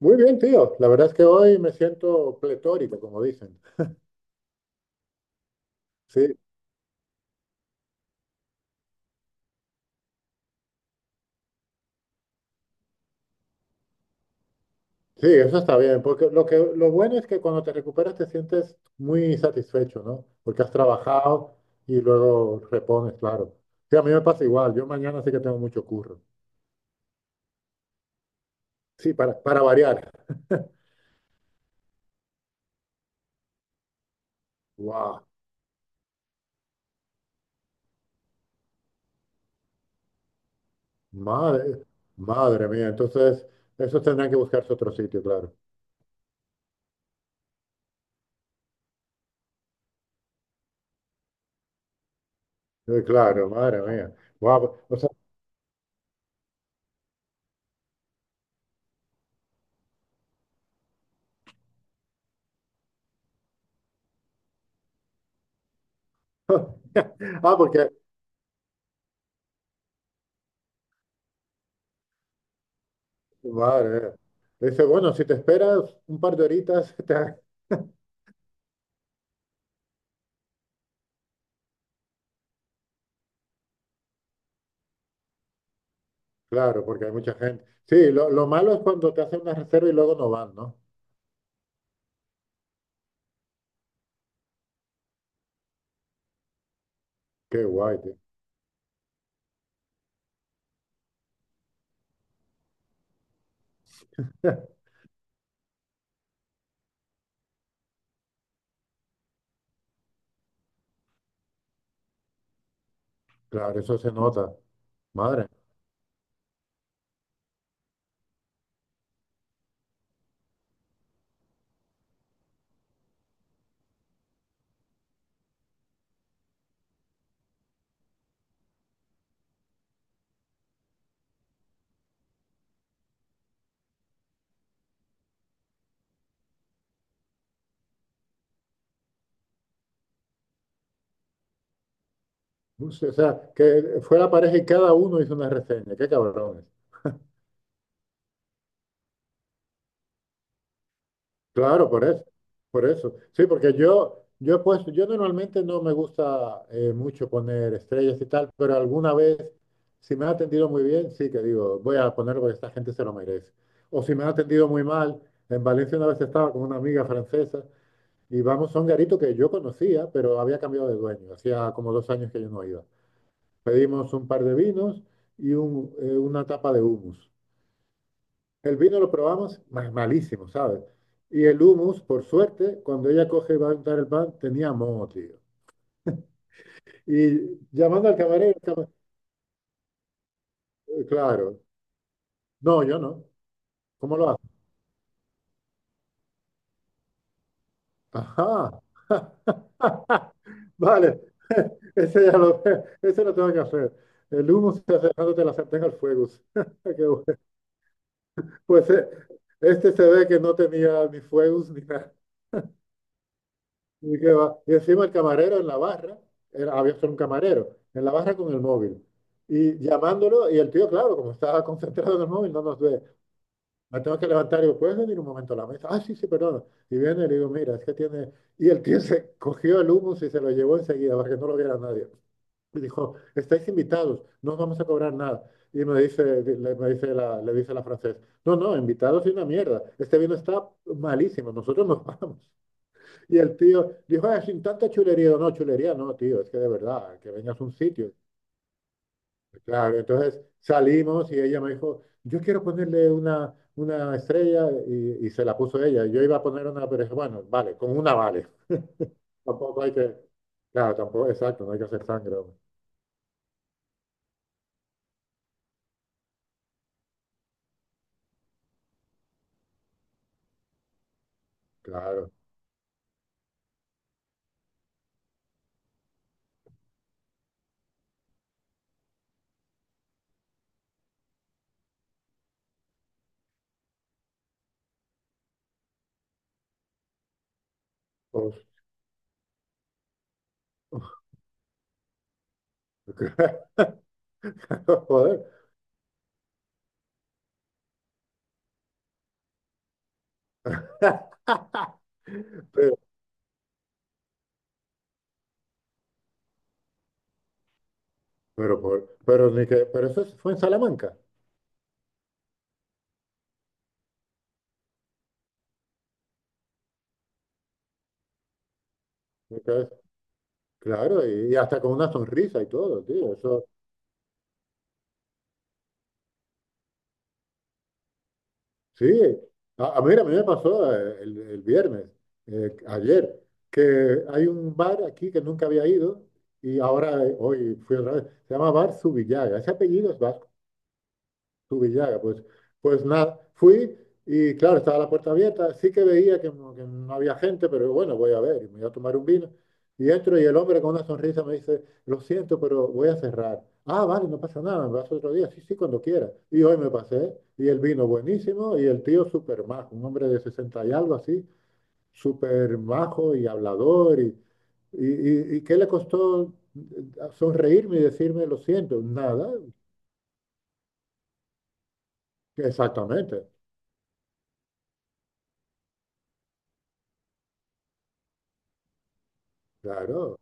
Muy bien, tío. La verdad es que hoy me siento pletórico, como dicen. Sí, sí, eso está bien, porque lo bueno es que cuando te recuperas te sientes muy satisfecho, ¿no? Porque has trabajado y luego repones, claro. Sí, a mí me pasa igual. Yo mañana sí que tengo mucho curro. Sí, para variar. ¡Guau! Madre, madre mía. Entonces, esos tendrán que buscarse otro sitio, claro. Claro, madre mía. Guau, o sea, ah, porque Vale. Le dice, bueno, si te esperas un par de horitas, te ha-". Claro, porque hay mucha gente. Sí, lo malo es cuando te hacen una reserva y luego no van, ¿no? Qué guay, tío. Claro, eso se nota. Madre. O sea, que fue la pareja y cada uno hizo una reseña. Qué cabrón. Claro, por eso, por eso. Sí, porque yo he puesto, yo normalmente no me gusta mucho poner estrellas y tal, pero alguna vez, si me ha atendido muy bien, sí que digo, voy a ponerlo porque esta gente se lo merece. O si me ha atendido muy mal, en Valencia una vez estaba con una amiga francesa y vamos a un garito que yo conocía, pero había cambiado de dueño, hacía como 2 años que yo no iba. Pedimos un par de vinos y una tapa de hummus. El vino lo probamos malísimo, ¿sabes? Y el hummus, por suerte, cuando ella coge y va a untar el pan, tenía moho, tío. Y llamando al camarero, el cama- claro. No, yo no. ¿Cómo lo hago? Ajá. Vale. Ese ya lo, ese lo tengo que hacer. El hummus está dejándote la sartén al fuego. Qué bueno. Pues este se ve que no tenía ni fuegos ni nada. Y, que va- y encima el camarero en la barra, era, había solo un camarero, en la barra con el móvil. Y llamándolo, y el tío, claro, como estaba concentrado en el móvil, no nos ve. Me tengo que levantar y digo, ¿puedes venir un momento a la mesa? Ah, sí, sí, perdón. Y viene y le digo, mira, es que tiene... Y el tío se cogió el humus y se lo llevó enseguida para que no lo viera nadie. Y dijo, estáis invitados, no os vamos a cobrar nada. Y me dice, le, me dice la, le dice la francesa, no, no, invitados es una mierda. Este vino está malísimo, nosotros nos vamos. Y el tío dijo, "Ah, sin tanta chulería". Digo, no, chulería no, tío, es que de verdad, que vengas a un sitio. Claro, entonces salimos y ella me dijo, yo quiero ponerle una estrella y se la puso ella. Yo iba a poner una, pero dije, bueno, vale, con una vale. Tampoco hay que, claro, tampoco, exacto, no hay que hacer sangre, hombre. Claro. Pues, claro, joder. Pero, pero, ni que, pero eso es- fue en Salamanca. Entonces, claro, y hasta con una sonrisa y todo, tío. Eso, sí, mira, a mí me pasó el viernes, ayer, que hay un bar aquí que nunca había ido y ahora hoy fui otra vez. Se llama Bar Subillaga. Ese apellido es tu Villaga. Pues, pues nada, fui y claro, estaba la puerta abierta, sí que veía que no había gente, pero bueno, voy a ver, y me voy a tomar un vino. Y entro y el hombre con una sonrisa me dice, lo siento, pero voy a cerrar. Ah, vale, no pasa nada, me vas otro día, sí, sí, cuando quieras. Y hoy me pasé, y el vino buenísimo, y el tío súper majo, un hombre de 60 y algo así, súper majo y hablador, y, y ¿qué le costó sonreírme y decirme lo siento? Nada, exactamente, claro.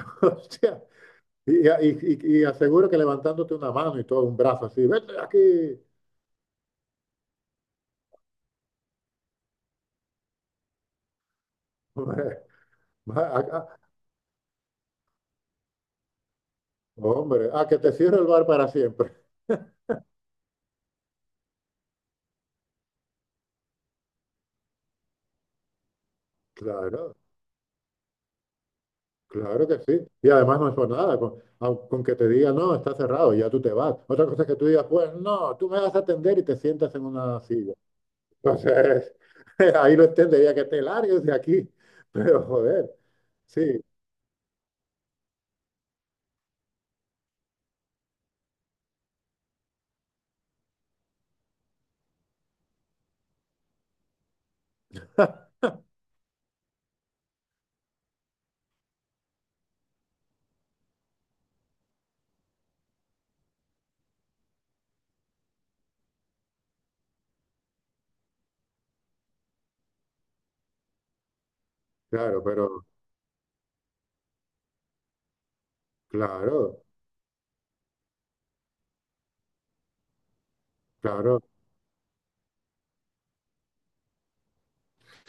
Hostia, y aseguro que levantándote una mano y todo, un brazo así, vete de aquí. Hombre, va acá, hombre, a que te cierre el bar para siempre. Claro, claro que sí. Y además no es por nada, con, au- con que te diga, no, está cerrado, ya tú te vas. Otra cosa es que tú digas, pues no, tú me vas a atender y te sientas en una silla. Entonces, ahí lo entendería que te largues de aquí, pero joder, sí, claro, pero claro, claro.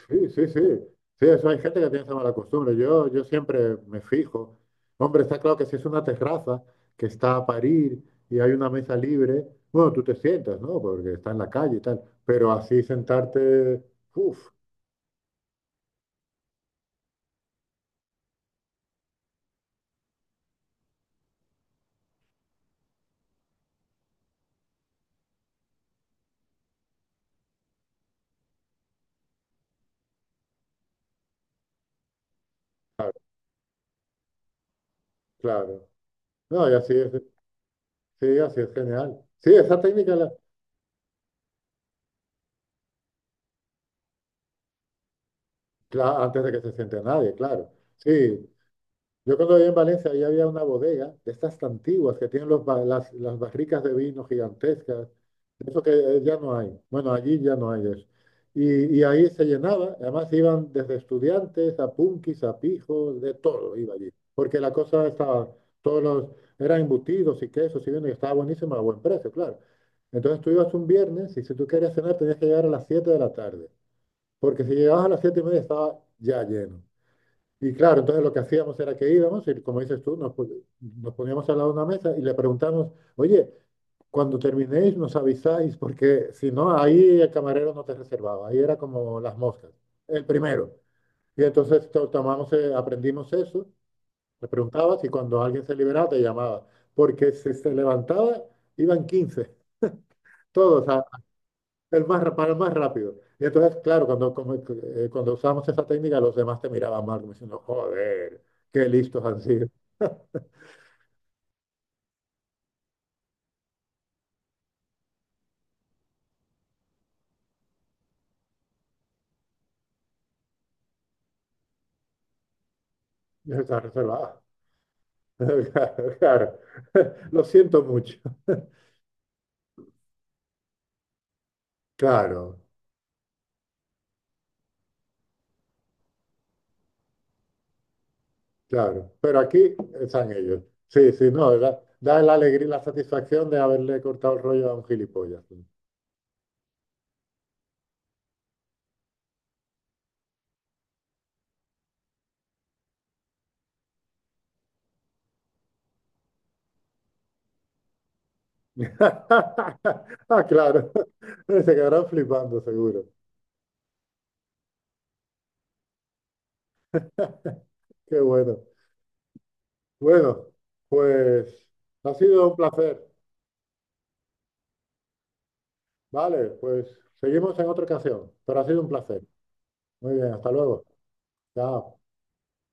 Sí, sí, sí. Sí, eso hay gente que tiene esa mala costumbre. Yo siempre me fijo. Hombre, está claro que si es una terraza que está a parir y hay una mesa libre, bueno, tú te sientas, ¿no? Porque está en la calle y tal. Pero así sentarte, uff, claro. Claro. No, y así es, sí, así es genial. Sí, esa técnica, la- cla- antes de que se siente nadie, claro. Sí, yo cuando vivía en Valencia, ahí había una bodega de estas antiguas que tienen los ba- las barricas de vino gigantescas, de eso que ya no hay. Bueno, allí ya no hay eso. Y ahí se llenaba, además iban desde estudiantes a punkis, a pijos, de todo iba allí. Porque la cosa estaba, todos los, eran embutidos y quesos y vino, y estaba buenísima a buen precio, claro. Entonces tú ibas un viernes y si tú querías cenar tenías que llegar a las 7 de la tarde, porque si llegabas a las 7:30 estaba ya lleno. Y claro, entonces lo que hacíamos era que íbamos y como dices tú, nos, pu- nos poníamos al lado de una mesa y le preguntamos, oye, cuando terminéis nos avisáis, porque si no, ahí el camarero no te reservaba, ahí era como las moscas, el primero. Y entonces to- tomamos, aprendimos eso, le preguntabas y cuando alguien se liberaba te llamaba, porque si se levantaba iban 15 todos, a- el más, ra- para el más rápido. Y entonces, claro, cuando, cuando usamos esa técnica, los demás te miraban mal, como diciendo, joder, qué listos han sido. Ya está reservada. Claro. Lo siento mucho. Claro, claro. Pero aquí están ellos. Sí, sí, no, da, da la alegría y la satisfacción de haberle cortado el rollo a un gilipollas. Ah, claro. Se quedarán flipando, seguro. Qué bueno. Bueno, pues ha sido un placer. Vale, pues seguimos en otra ocasión, pero ha sido un placer. Muy bien, hasta luego. Chao.